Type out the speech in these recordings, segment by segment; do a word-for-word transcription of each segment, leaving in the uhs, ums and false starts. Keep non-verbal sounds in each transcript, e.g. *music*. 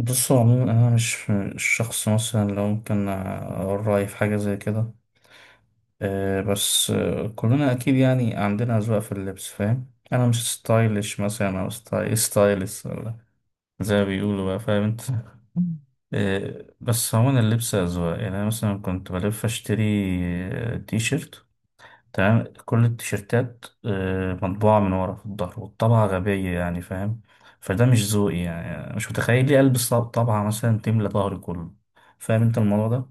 بص هو عموما انا مش مش شخص مثلا لو ممكن اقول رايي في حاجه زي كده. آه، بس آه، كلنا اكيد يعني عندنا اذواق في اللبس، فاهم؟ انا مش ستايلش مثلا او ستايل ستايلس، ولا زي ما بيقولوا بقى، فاهم انت. آه، بس عموما اللبس اذواق، يعني انا مثلا كنت بلف اشتري آه، تي شيرت. تمام، كل التيشيرتات آه، مطبوعة من ورا في الظهر، والطبعة غبية يعني، فاهم؟ فده مش ذوقي يعني، مش متخيل ليه ألبس طب- طبعة مثلا تملى ظهري كله. فاهم انت الموضوع ده؟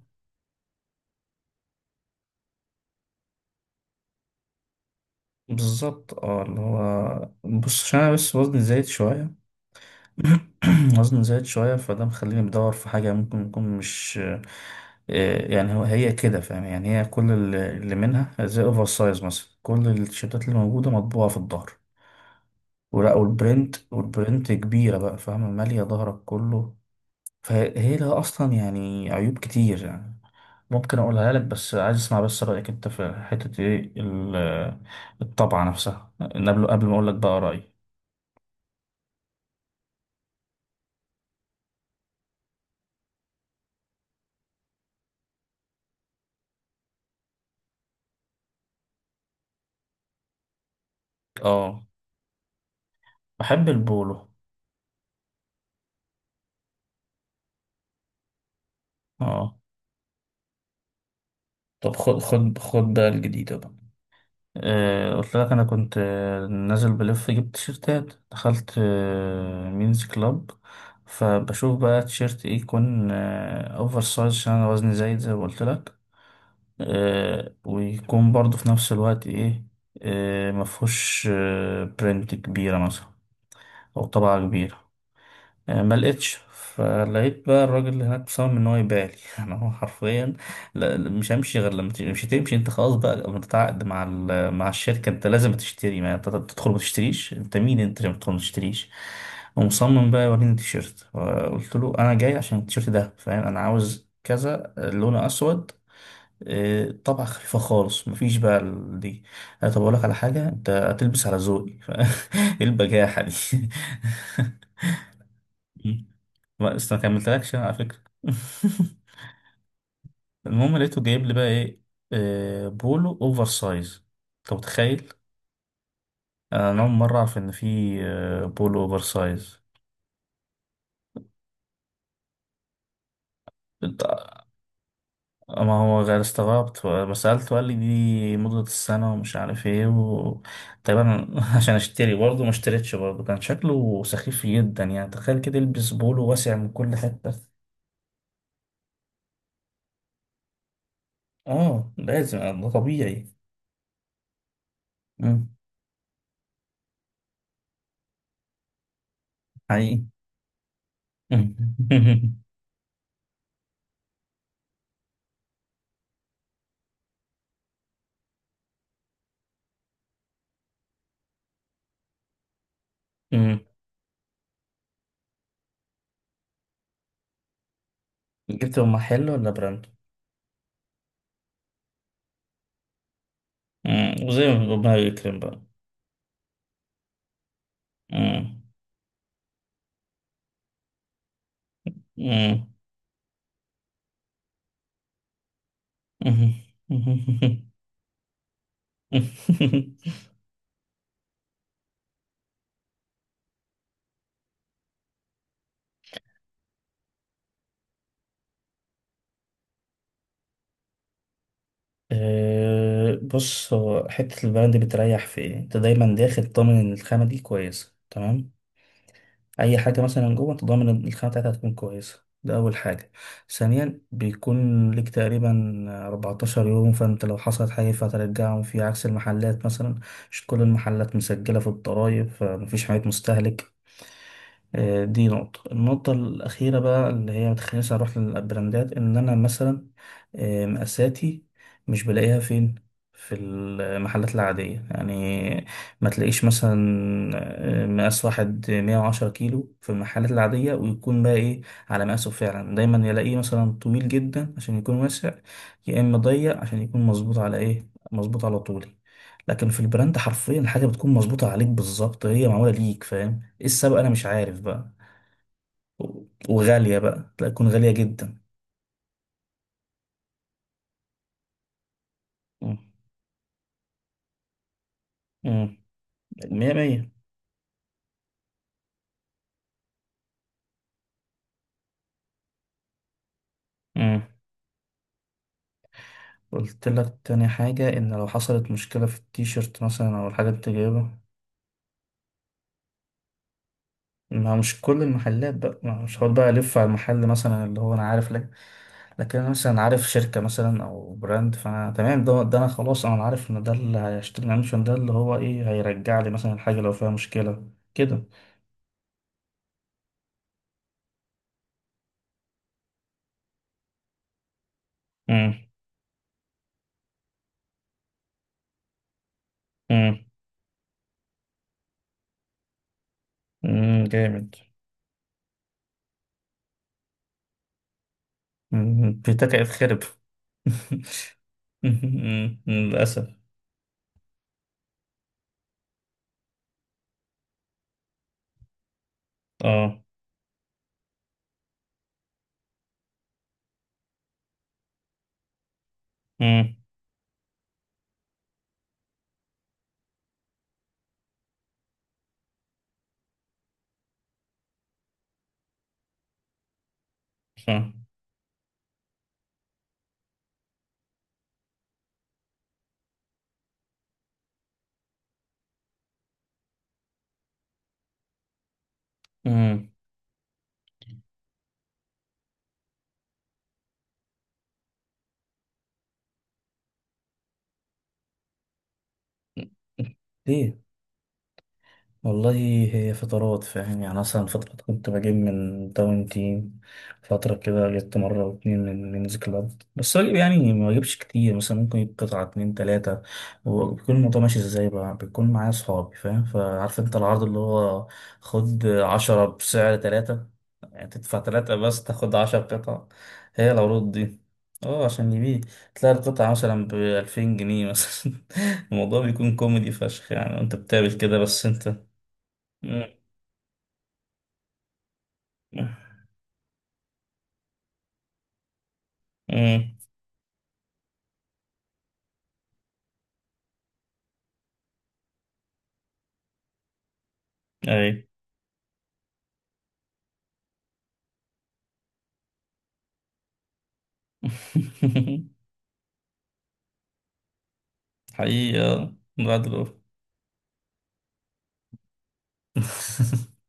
بالظبط. اه، اللي هو بص، عشان انا بس وزني زايد شوية. *clears throat* وزني زايد شوية، فده مخليني بدور في حاجة ممكن يكون مش آه، يعني هو هي كده فاهم. يعني هي كل اللي اللي منها زي اوفر سايز مثلا، كل التيشيرتات اللي موجودة مطبوعة في الظهر ولا والبرنت والبرنت كبيرة بقى، فاهمة، مالية ظهرك كله. فهي لها أصلا يعني عيوب كتير يعني، ممكن أقولها لك، بس عايز أسمع بس رأيك أنت في حتة إيه ال- الطبعة نفسها. قبل قبل ما أقول لك بقى رأيي. أه. بحب البولو. أه. طب خد خد خد بقى الجديدة بقى. آه، قلت لك انا كنت آه، نازل بلف، جبت تيشيرتات، دخلت آه، مينز كلاب. فبشوف بقى تيشيرت ايه يكون آه، اوفر سايز عشان انا وزني زايد زي ما قلت لك، آه، ويكون برضه في نفس الوقت ايه، آه، مفهوش آه، برنت كبيرة مثلا او طبعة كبيرة. آه، ما لقيتش. فلقيت بقى الراجل اللي هناك مصمم ان هو يبيع لي. *laughs* انا هو حرفيا لا لا، مش همشي غير لما تمشي- مش هتمشي انت، خلاص بقى، متعاقد مع ال- مع الشركه، انت لازم تشتري، ما انت تدخل ما تشتريش، انت مين انت عشان تدخل ما تشتريش. ومصمم بقى يوريني التيشيرت. قلت له انا جاي عشان التيشيرت ده، فاهم؟ انا عاوز كذا، لونه اسود، آه، طبعة خفيفة خالص، مفيش بقى ال- دي. آه، طب أقول لك على حاجة، أنت هتلبس على ذوقي. *laughs* ف- إيه البجاحة دي؟ *laughs* ما أصل ما كملتلكش أنا على فكرة. *laughs* المهم لقيته جايب لي بقى إيه، آه، بولو أوفر سايز. أنت متخيل؟ أنا أول مرة أعرف إن في آه، بولو أوفر سايز. أنت- ما هو غير استغربت ما سألته، قال لي دي مدة السنة ومش عارف إيه و... طبعا *laughs* عشان أشتري برضه، ما اشتريتش برضه، كان شكله سخيف جدا يعني. تخيل كده يلبس بولو واسع من كل حتة. آه لازم، ده طبيعي. مم. حقيقي. *laughs* جبتوا محل ولا براند؟ مم. وزي ما ربنا يكرم بقى. مم. مم. *laughs* آه، بص، هو حتة البراند بتريح في ايه؟ انت دايما داخل ضامن ان الخامة دي كويسة تمام؟ أي حاجة مثلا جوه انت ضامن ان الخامة بتاعتها هتكون كويسة. ده أول حاجة. ثانيا بيكون ليك تقريبا اربعتاشر يوم، فانت لو حصلت حاجة فهترجعهم، في عكس المحلات مثلا مش كل المحلات مسجلة في الضرايب، فمفيش حاجات مستهلك. آه، دي نقطة. النقطة الأخيرة بقى اللي هي متخلينيش أروح للبراندات، إن أنا مثلا آه، مقاساتي مش بلاقيها فين في المحلات العادية يعني. ما تلاقيش مثلا آه، مقاس واحد مية وعشرة كيلو في المحلات العادية، ويكون بقى إيه على مقاسه فعلا. دايما يلاقيه مثلا طويل جدا عشان يكون واسع، يا إما ضيق عشان يكون مظبوط على إيه، مظبوط على طولي. لكن في البراند حرفيا الحاجة بتكون مظبوطة عليك بالظبط، هي معمولة ليك، فاهم. ايه السبب انا مش عارف بقى. و- وغالية بقى، لا تكون غالية جدا. مم. مم. مية مية. مم. قلت لك تاني حاجة ان لو حصلت مشكلة في التيشيرت مثلا او الحاجة اللي انت جايبها، ما مش كل المحلات بقى. ما مش هقعد بقى الف على المحل مثلا، اللي هو انا عارف لك. لكن انا مثلا عارف شركة مثلا او براند، فانا تمام، ده, ده انا خلاص، انا عارف ان ده اللي هيشتري منشن ده، اللي هو ايه، هيرجع لي مثلا الحاجة لو فيها مشكلة كده. مم. مم. مم، جامد. مم. بيتك اتخرب. *laughs* للأسف. اه. امم. صح. امم. ليه. والله هي فترات فاهم يعني. مثلا فترة كنت بجيب من داون تيم، فترة كده جبت مرة أو اتنين من مينز كلاب. بس بجيب يعني، ما بجيبش كتير مثلا، ممكن يجيب قطعة اتنين تلاتة. وبيكون الموضوع ماشي ازاي بقى، بيكون معايا صحابي، فاهم؟ فعارف انت العرض اللي هو خد عشرة بسعر تلاتة، يعني تدفع تلاتة بس تاخد عشر قطع. هي العروض دي. اه عشان يبيع. تلاقي القطعة مثلا بألفين جنيه مثلا. *laughs* الموضوع بيكون كوميدي فشخ يعني، انت بتقابل كده بس انت. امم. أمم. اي. *laughs* حقيقة بعد الأوف. *laughs*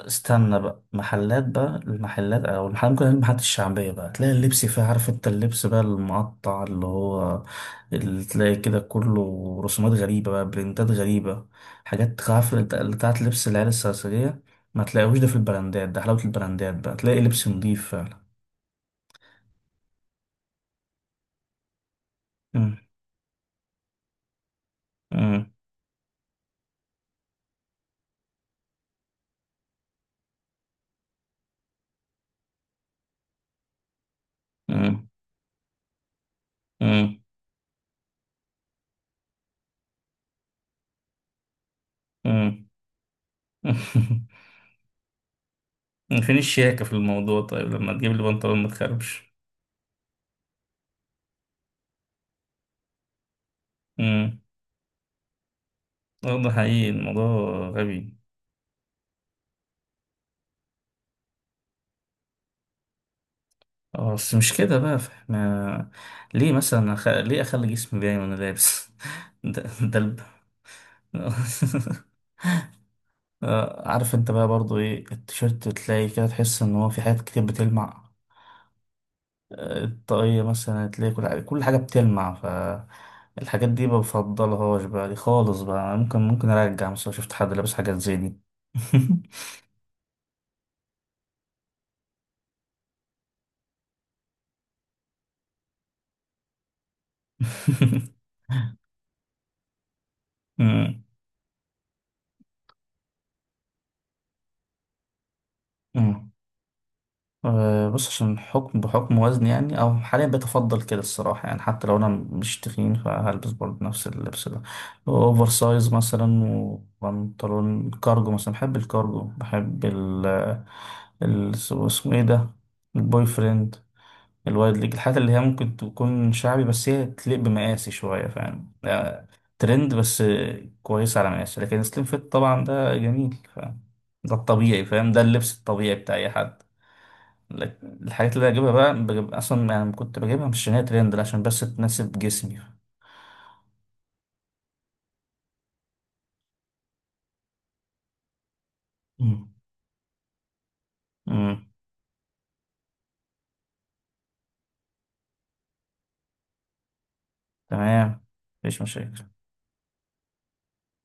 استنى بقى، محلات بقى، المحلات او المحلات، ممكن المحلات الشعبية بقى تلاقي اللبس فيها، عارف انت اللبس بقى المقطع اللي هو اللي تلاقي كده كله رسومات غريبة بقى، برنتات غريبة، حاجات عارف اللي بتاع- اللي بتاعت لبس العيال السرسجية. ما تلاقيهوش ده في البراندات. ده حلاوة البراندات بقى، تلاقي لبس نضيف فعلا. مم. مم. امم. امم. *laughs* فين الشياكة في الموضوع؟ طيب لما تجيب لي بنطلون ما تخربش. امم. آه، ده حقيقي، الموضوع غبي. اه بس مش كده بقى، فاحنا ليه مثلا أخ... ليه اخلي جسمي باين وانا لابس؟ *laughs* ده ده الب... *laughs* آه، عارف انت بقى برضو ايه، التيشيرت تلاقي كده، تحس ان هو في حاجات كتير بتلمع. الطاقية مثلا هتلاقي كل حاجة، كل حاجة بتلمع. فالحاجات دي ما بفضلهاش بقى، دي خالص بقى ممكن ممكن أرجع مثلا لو شفت حد لابس حاجات زي دي. *laughs* أمم. أمم. آه، بص، عشان حكم بحكم وزني يعني، أو حاليا بتفضل كده الصراحة يعني. حتى لو أنا مش تخين فهلبس برضه نفس اللبس ده، أوفر سايز مثلا، وبنطلون كارجو مثلا. بحب الكارجو، بحب ال ال- اسمه إيه ده، البوي فريند، الوايد ليج. الحاجات اللي هي ممكن تكون شعبي بس هي تليق بمقاسي شوية، فاهم. لا، ترند بس كويس على مقاسي. لكن سليم فيت طبعا ده جميل، فاهم، ده الطبيعي، فاهم، ده اللبس الطبيعي بتاع أي حد. لكن الحاجات اللي أجيبها بقى، بجيب أصلا يعني كنت بجيبها مش عشان هي ترند، لا، عشان بس تناسب جسمي. مم. مم. تمام، مفيش مشاكل.